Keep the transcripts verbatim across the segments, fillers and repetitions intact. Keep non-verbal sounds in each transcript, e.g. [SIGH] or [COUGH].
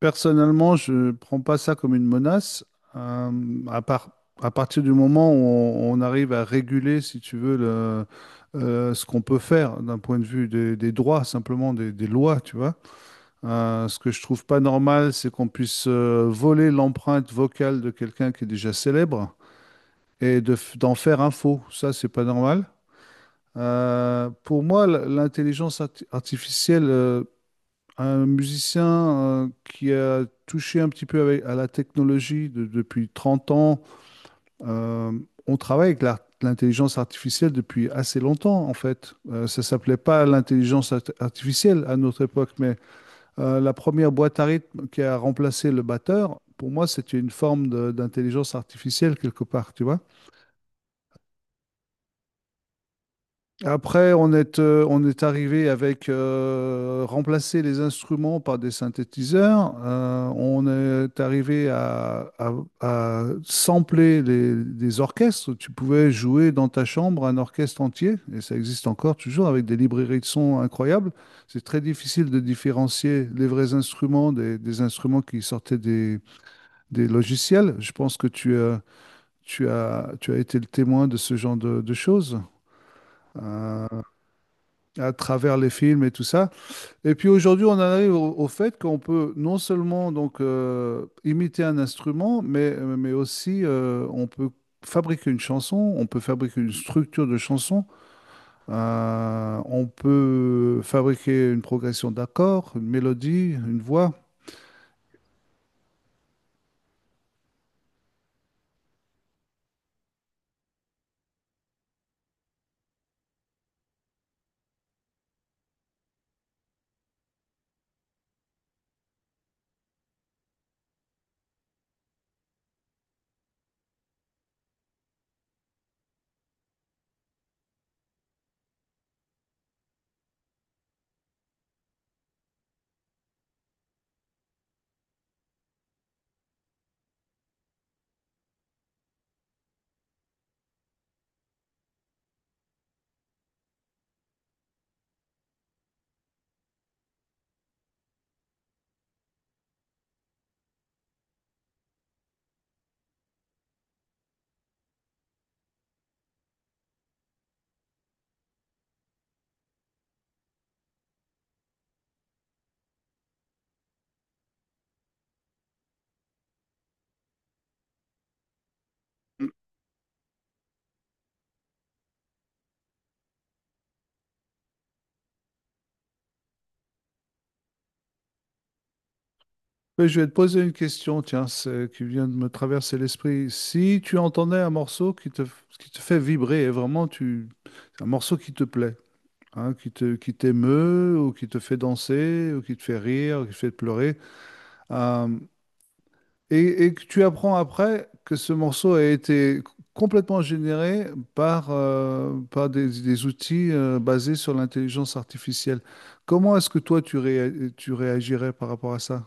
Personnellement, je ne prends pas ça comme une menace. Euh, à part, à partir du moment où on, on arrive à réguler, si tu veux, le- euh, ce qu'on peut faire d'un point de vue des, des droits, simplement des, des lois, tu vois. Euh, ce que je trouve pas normal, c'est qu'on puisse euh, voler l'empreinte vocale de quelqu'un qui est déjà célèbre et de f- d'en faire un faux. Ça, c'est pas normal. Euh, pour moi, l- l'intelligence arti- artificielle, euh, un musicien euh, qui a touché un petit peu avec- à la technologie de- depuis trente ans. Euh, on travaille avec l'art- l'intelligence artificielle depuis assez longtemps, en fait. Euh, ça s'appelait pas l'intelligence art- artificielle à notre époque, mais euh, la première boîte à rythme qui a remplacé le batteur, pour moi, c'était une forme de- d'intelligence artificielle quelque part, tu vois. Après, on est, euh, on est arrivé avec euh, remplacer les instruments par des synthétiseurs. Euh, on est arrivé à, à, à sampler les, des orchestres. Tu pouvais jouer dans ta chambre un orchestre entier, et ça existe encore toujours avec des librairies de sons incroyables. C'est très difficile de différencier les vrais instruments des, des instruments qui sortaient des, des logiciels. Je pense que tu, as- tu as, tu as été le témoin de ce genre de de choses. Euh, à travers les films et tout ça. Et puis aujourd'hui, on en arrive au, au fait qu'on peut non seulement donc euh, imiter un instrument, mais, mais aussi euh, on peut fabriquer une chanson, on peut fabriquer une structure de chanson, euh, on peut fabriquer une progression d'accords, une mélodie, une voix. Mais je vais te poser une question, tiens, c'est- qui vient de me traverser l'esprit. Si tu entendais un morceau qui te, qui te fait vibrer, et vraiment tu, un morceau qui te plaît, hein, qui te, qui t'émeut ou qui te fait danser ou qui te fait rire, ou qui te fait pleurer. euh, et, et que tu apprends après que ce morceau a été complètement généré par, euh, par des, des outils euh, basés sur l'intelligence artificielle. Comment est-ce que toi, tu, réa- tu réagirais par rapport à ça?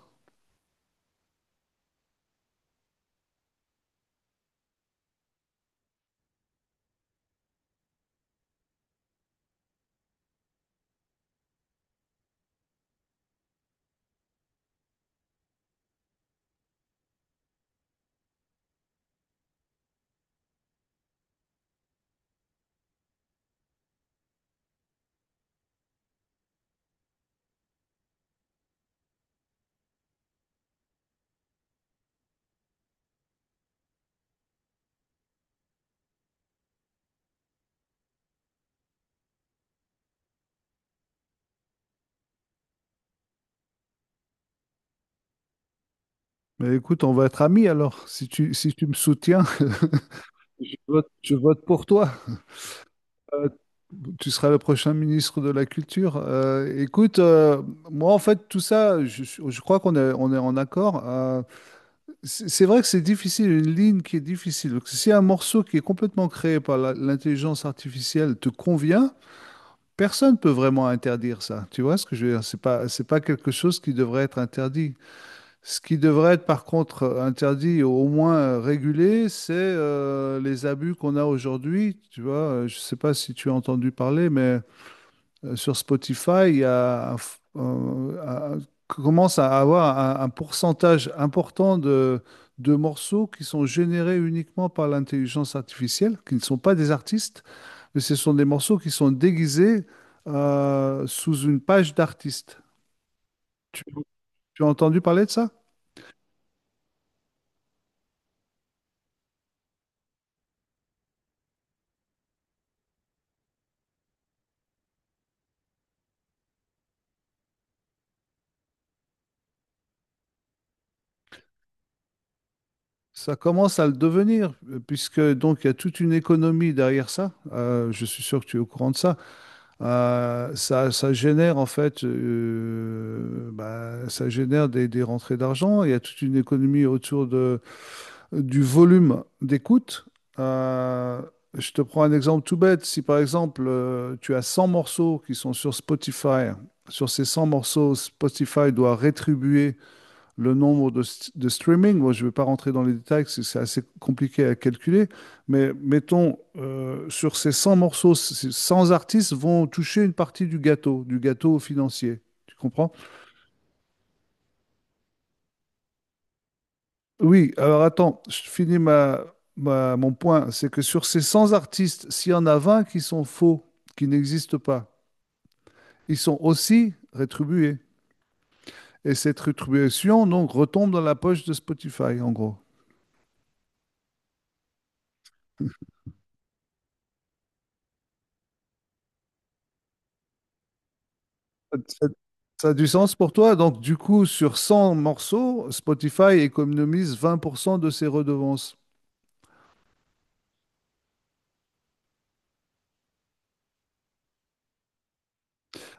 Mais écoute, on va être amis alors. Si tu, si tu me soutiens, [LAUGHS] je vote, je vote pour toi. Euh, Tu seras le prochain ministre de la Culture. Euh, écoute, euh, moi, en fait, tout ça, je, je- je crois qu'on est, on est en accord. Euh, c'est c'est vrai que c'est difficile, une ligne qui est difficile. Donc, si un morceau qui est complètement créé par la- l'intelligence artificielle te convient, personne ne peut vraiment interdire ça. Tu vois ce que je veux dire? C'est pas, c'est pas quelque chose qui devrait être interdit. Ce qui devrait être, par contre, euh, interdit, ou au moins euh, régulé, c'est euh, les abus qu'on a aujourd'hui. Tu vois. Euh, je sais pas si tu as entendu parler, mais euh, sur Spotify, il y a, euh, à- commence à avoir un, un pourcentage important de, de morceaux qui sont générés uniquement par l'intelligence artificielle, qui ne sont pas des artistes, mais ce sont des morceaux qui sont déguisés euh, sous une page d'artiste. Tu, Tu as entendu parler de ça? Ça commence à le devenir, euh, puisque donc il y a toute une économie derrière ça. Euh, je suis sûr que tu es au courant de ça. Euh, ça, ça génère en fait, euh, bah, ça génère des, des rentrées d'argent. Il y a toute une économie autour de, du volume d'écoute. Euh, je te prends un exemple tout bête. Si par exemple euh, tu as cent morceaux qui sont sur Spotify, sur ces cent morceaux, Spotify doit rétribuer le nombre de, st- de streaming. Moi, je ne vais pas rentrer dans les détails, parce que c'est assez compliqué à calculer. Mais mettons, euh, sur ces cent morceaux, c- cent artistes vont toucher une partie du gâteau, du gâteau financier. Tu comprends? Oui, alors attends, je finis ma, ma- mon point. C'est que sur ces cent artistes, s'il y en a vingt qui sont faux, qui n'existent pas, ils sont aussi rétribués. Et cette rétribution, donc, retombe dans la poche de Spotify, en gros. Ça ça a du sens pour toi. Donc, du coup, sur cent morceaux, Spotify économise vingt pour cent de ses redevances.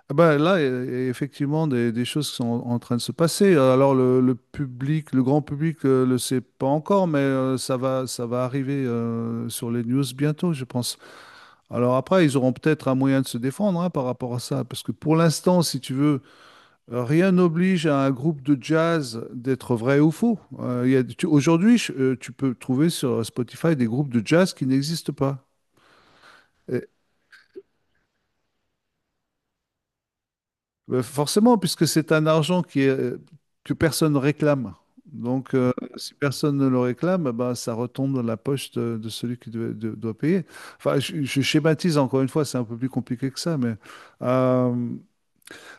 Ah Ben là, il y a effectivement des, des choses qui sont en train de se passer. Alors, le, le public, le grand public, ne le sait pas encore, mais euh, ça va, ça va arriver euh, sur les news bientôt, je pense. Alors après, ils auront peut-être un moyen de se défendre, hein, par rapport à ça, parce que pour l'instant, si tu veux, rien n'oblige à un groupe de jazz d'être vrai ou faux. Euh, il y a- tu- Aujourd'hui, je- euh, tu peux trouver sur Spotify des groupes de jazz qui n'existent pas. Et, euh, forcément, puisque c'est un argent qui est, euh, que personne ne réclame. Donc, euh, si personne ne le réclame, bah, ça retombe dans la poche de, de celui qui doit, de- doit payer. Enfin, je, je schématise encore une fois, c'est un peu plus compliqué que ça, mais euh,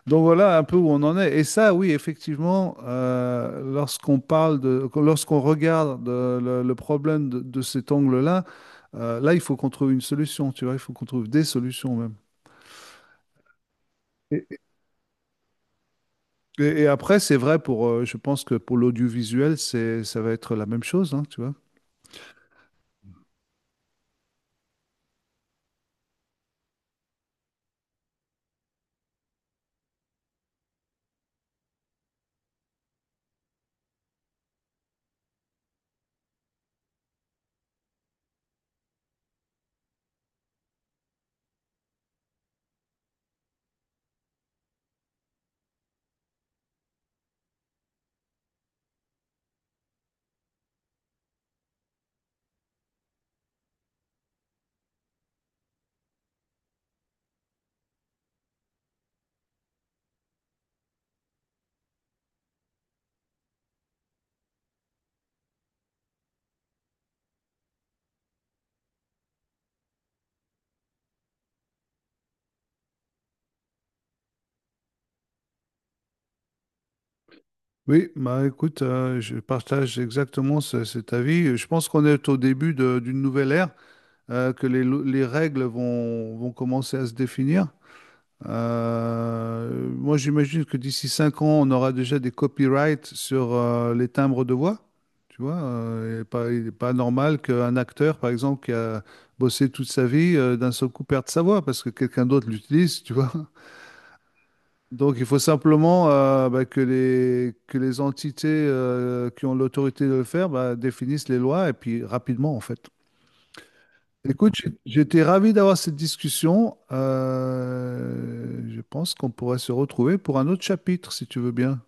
donc voilà un peu où on en est. Et ça, oui, effectivement, euh, lorsqu'on parle de, lorsqu'on regarde euh, le, le problème de, de cet angle-là, euh, là, il faut qu'on trouve une solution, tu vois, il faut qu'on trouve des solutions même. Et, et- et après, c'est vrai pour, euh, je pense que pour l'audiovisuel, c'est, ça va être la même chose, hein, tu vois. Oui, bah écoute, euh, je partage exactement ce- cet avis. Je pense qu'on est au début de- d'une nouvelle ère, euh, que les, lo- les règles vont, vont commencer à se définir. Euh, moi, j'imagine que d'ici cinq ans, on aura déjà des copyrights sur euh, les timbres de voix. Tu vois, euh, il n'est pas, il est pas normal qu'un acteur, par exemple, qui a bossé toute sa vie, euh, d'un seul coup perde sa voix parce que quelqu'un d'autre l'utilise, tu vois. Donc, il faut simplement euh, bah, que les, que les entités euh, qui ont l'autorité de le faire, bah, définissent les lois et puis rapidement, en fait. Écoute, j'ai- j'étais ravi d'avoir cette discussion. Euh, je pense qu'on pourrait se retrouver pour un autre chapitre, si tu veux bien.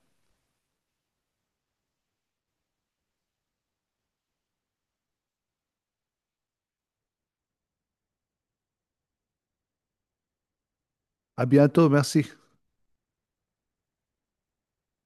À bientôt, merci.